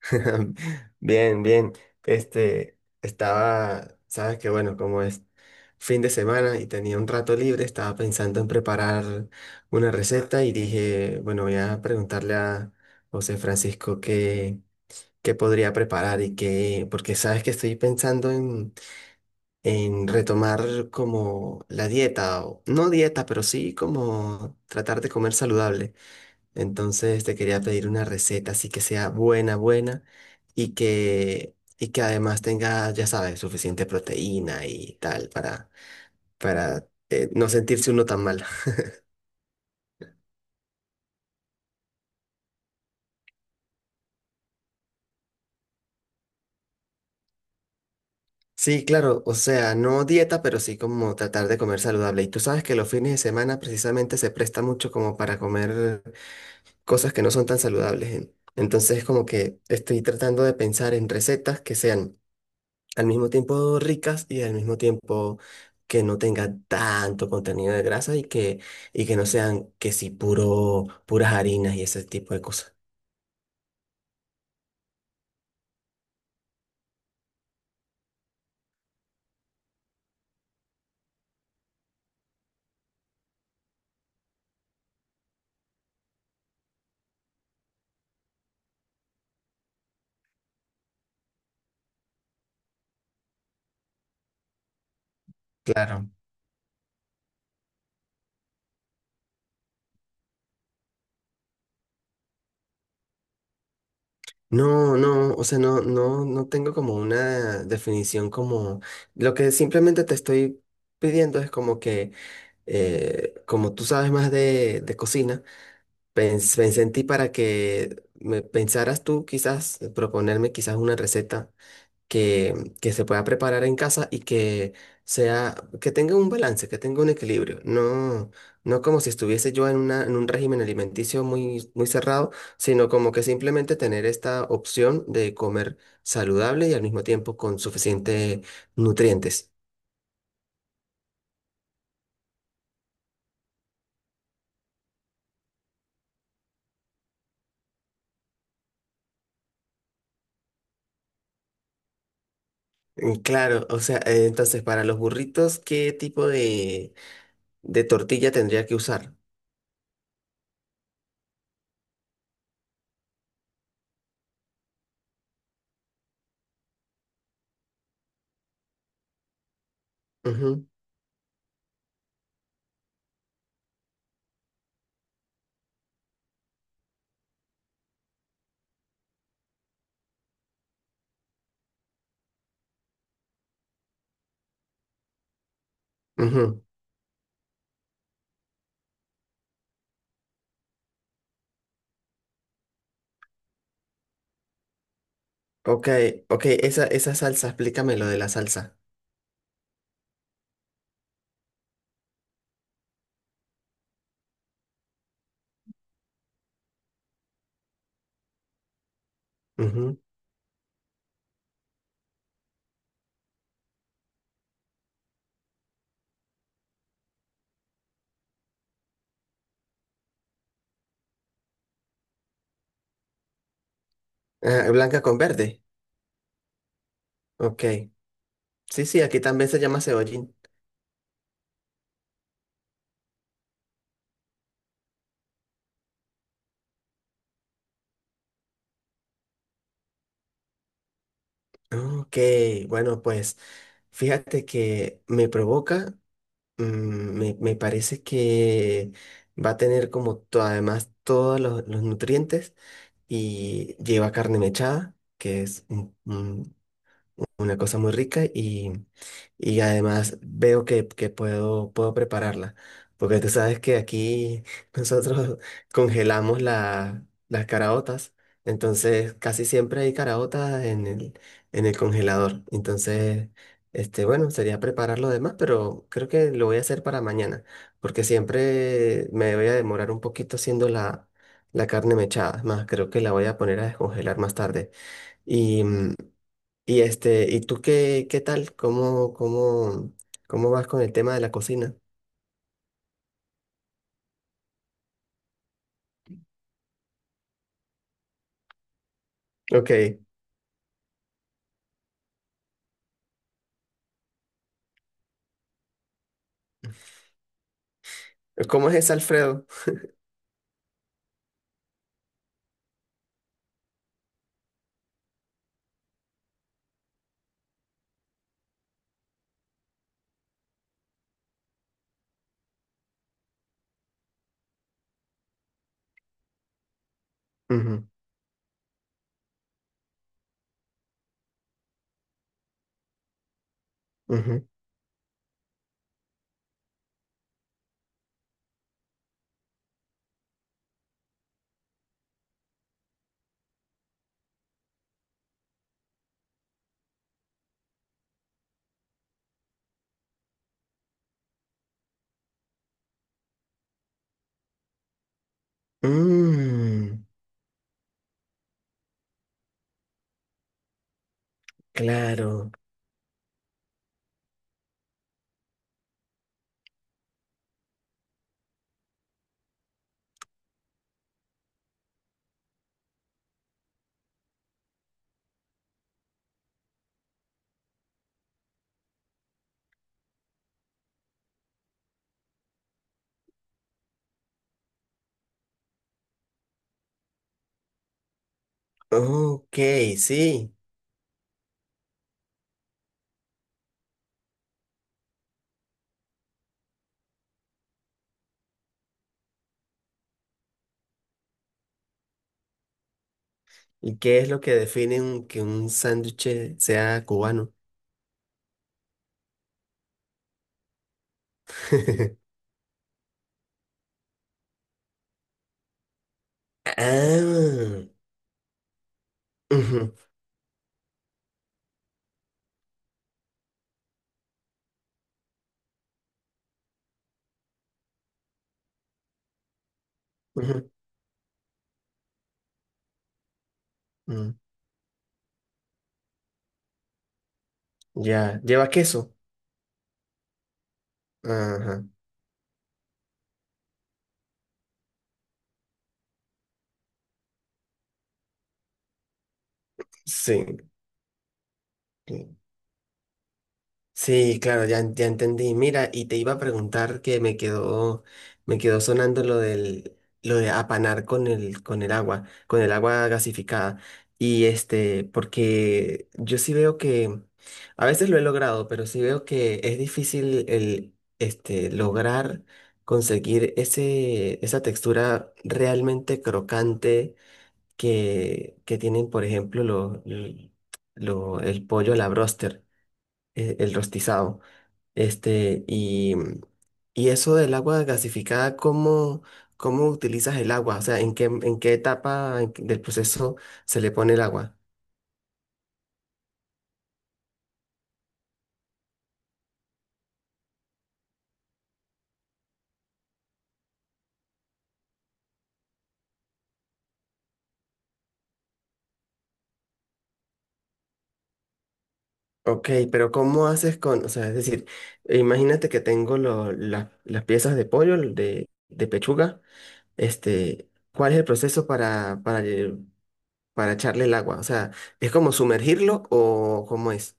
Bien, bien. Sabes que bueno, como es fin de semana y tenía un rato libre, estaba pensando en preparar una receta y dije, bueno, voy a preguntarle a José Francisco qué podría preparar porque sabes que estoy pensando en retomar como la dieta, o no dieta, pero sí como tratar de comer saludable. Entonces te quería pedir una receta así que sea buena, buena y que además tenga, ya sabes, suficiente proteína y tal para no sentirse uno tan mal. Sí, claro, o sea, no dieta, pero sí como tratar de comer saludable. Y tú sabes que los fines de semana precisamente se presta mucho como para comer cosas que no son tan saludables, ¿eh? Entonces como que estoy tratando de pensar en recetas que sean al mismo tiempo ricas y al mismo tiempo que no tengan tanto contenido de grasa y que no sean que sí puras harinas y ese tipo de cosas. Claro. No, o sea, no tengo como una definición como lo que simplemente te estoy pidiendo es como que como tú sabes más de cocina, pensé en ti para que me pensaras tú quizás, proponerme quizás una receta que, que se pueda preparar en casa y sea, que tenga un balance, que tenga un equilibrio. No, no como si estuviese yo en en un régimen alimenticio muy cerrado, sino como que simplemente tener esta opción de comer saludable y al mismo tiempo con suficientes nutrientes. Mm, claro, o sea, entonces para los burritos, ¿qué tipo de tortilla tendría que usar? Ujú, ujú. Ok, ok, esa salsa, explícame lo de la salsa. Ah, blanca con verde. Ok. Sí, sí, aquí también se llama cebollín. Ok, bueno, pues fíjate que me provoca, mm, me parece que va a tener como además todos los nutrientes y lleva carne mechada, que es una cosa muy rica y además veo que puedo prepararla, porque tú sabes que aquí nosotros congelamos las caraotas, entonces casi siempre hay caraotas en en el congelador, entonces, este, bueno, sería preparar lo demás, pero creo que lo voy a hacer para mañana, porque siempre me voy a demorar un poquito haciendo la... La carne mechada, es más, creo que la voy a poner a descongelar más tarde. Y, y este, ¿y tú qué tal? Cómo vas con el tema de la cocina? Ok, ¿cómo es ese Alfredo? Ujú, ujú. Mm, claro. Ok, sí. ¿Y qué es lo que define que un sándwich sea cubano? Ah, ujú, ujú, mm, ya, ¿lleva queso? Ajá, sí. Sí, claro, ya, ya entendí. Mira, y te iba a preguntar que me quedó sonando lo lo de apanar con con el agua gasificada. Y este, porque yo sí veo que, a veces lo he logrado, pero sí veo que es difícil el, este, lograr conseguir esa textura realmente crocante que tienen, por ejemplo, el pollo a la broster, el rostizado. Este, y eso del agua gasificada, cómo utilizas el agua? O sea, en qué etapa del proceso se le pone el agua? Ok, pero ¿cómo haces con, o sea, es decir, imagínate que tengo las piezas de pollo, de pechuga, este, ¿cuál es el proceso para echarle el agua? O sea, ¿es como sumergirlo o cómo es?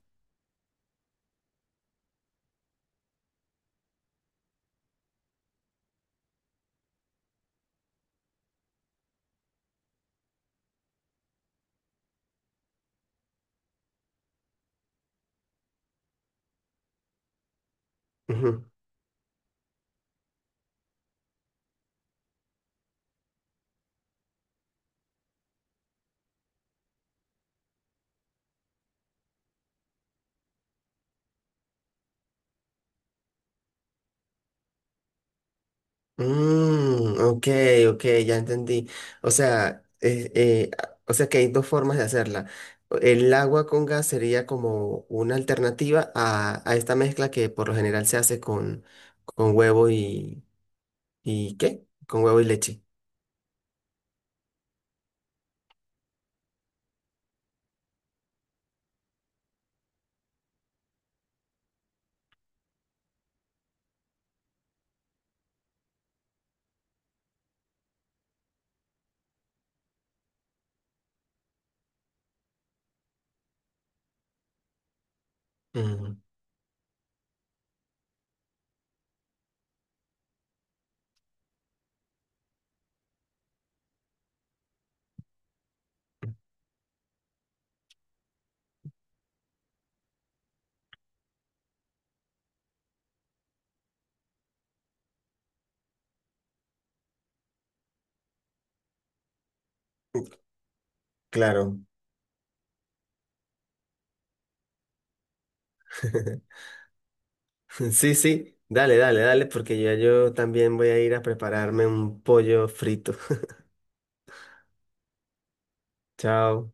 Mm, ok, ok, ya entendí. O sea, o sea que hay dos formas de hacerla. El agua con gas sería como una alternativa a esta mezcla que por lo general se hace con huevo y ¿qué? Con huevo y leche. Mm, claro. Sí, sí. Dale, dale, dale, porque ya yo también voy a ir a prepararme un pollo frito. Chao.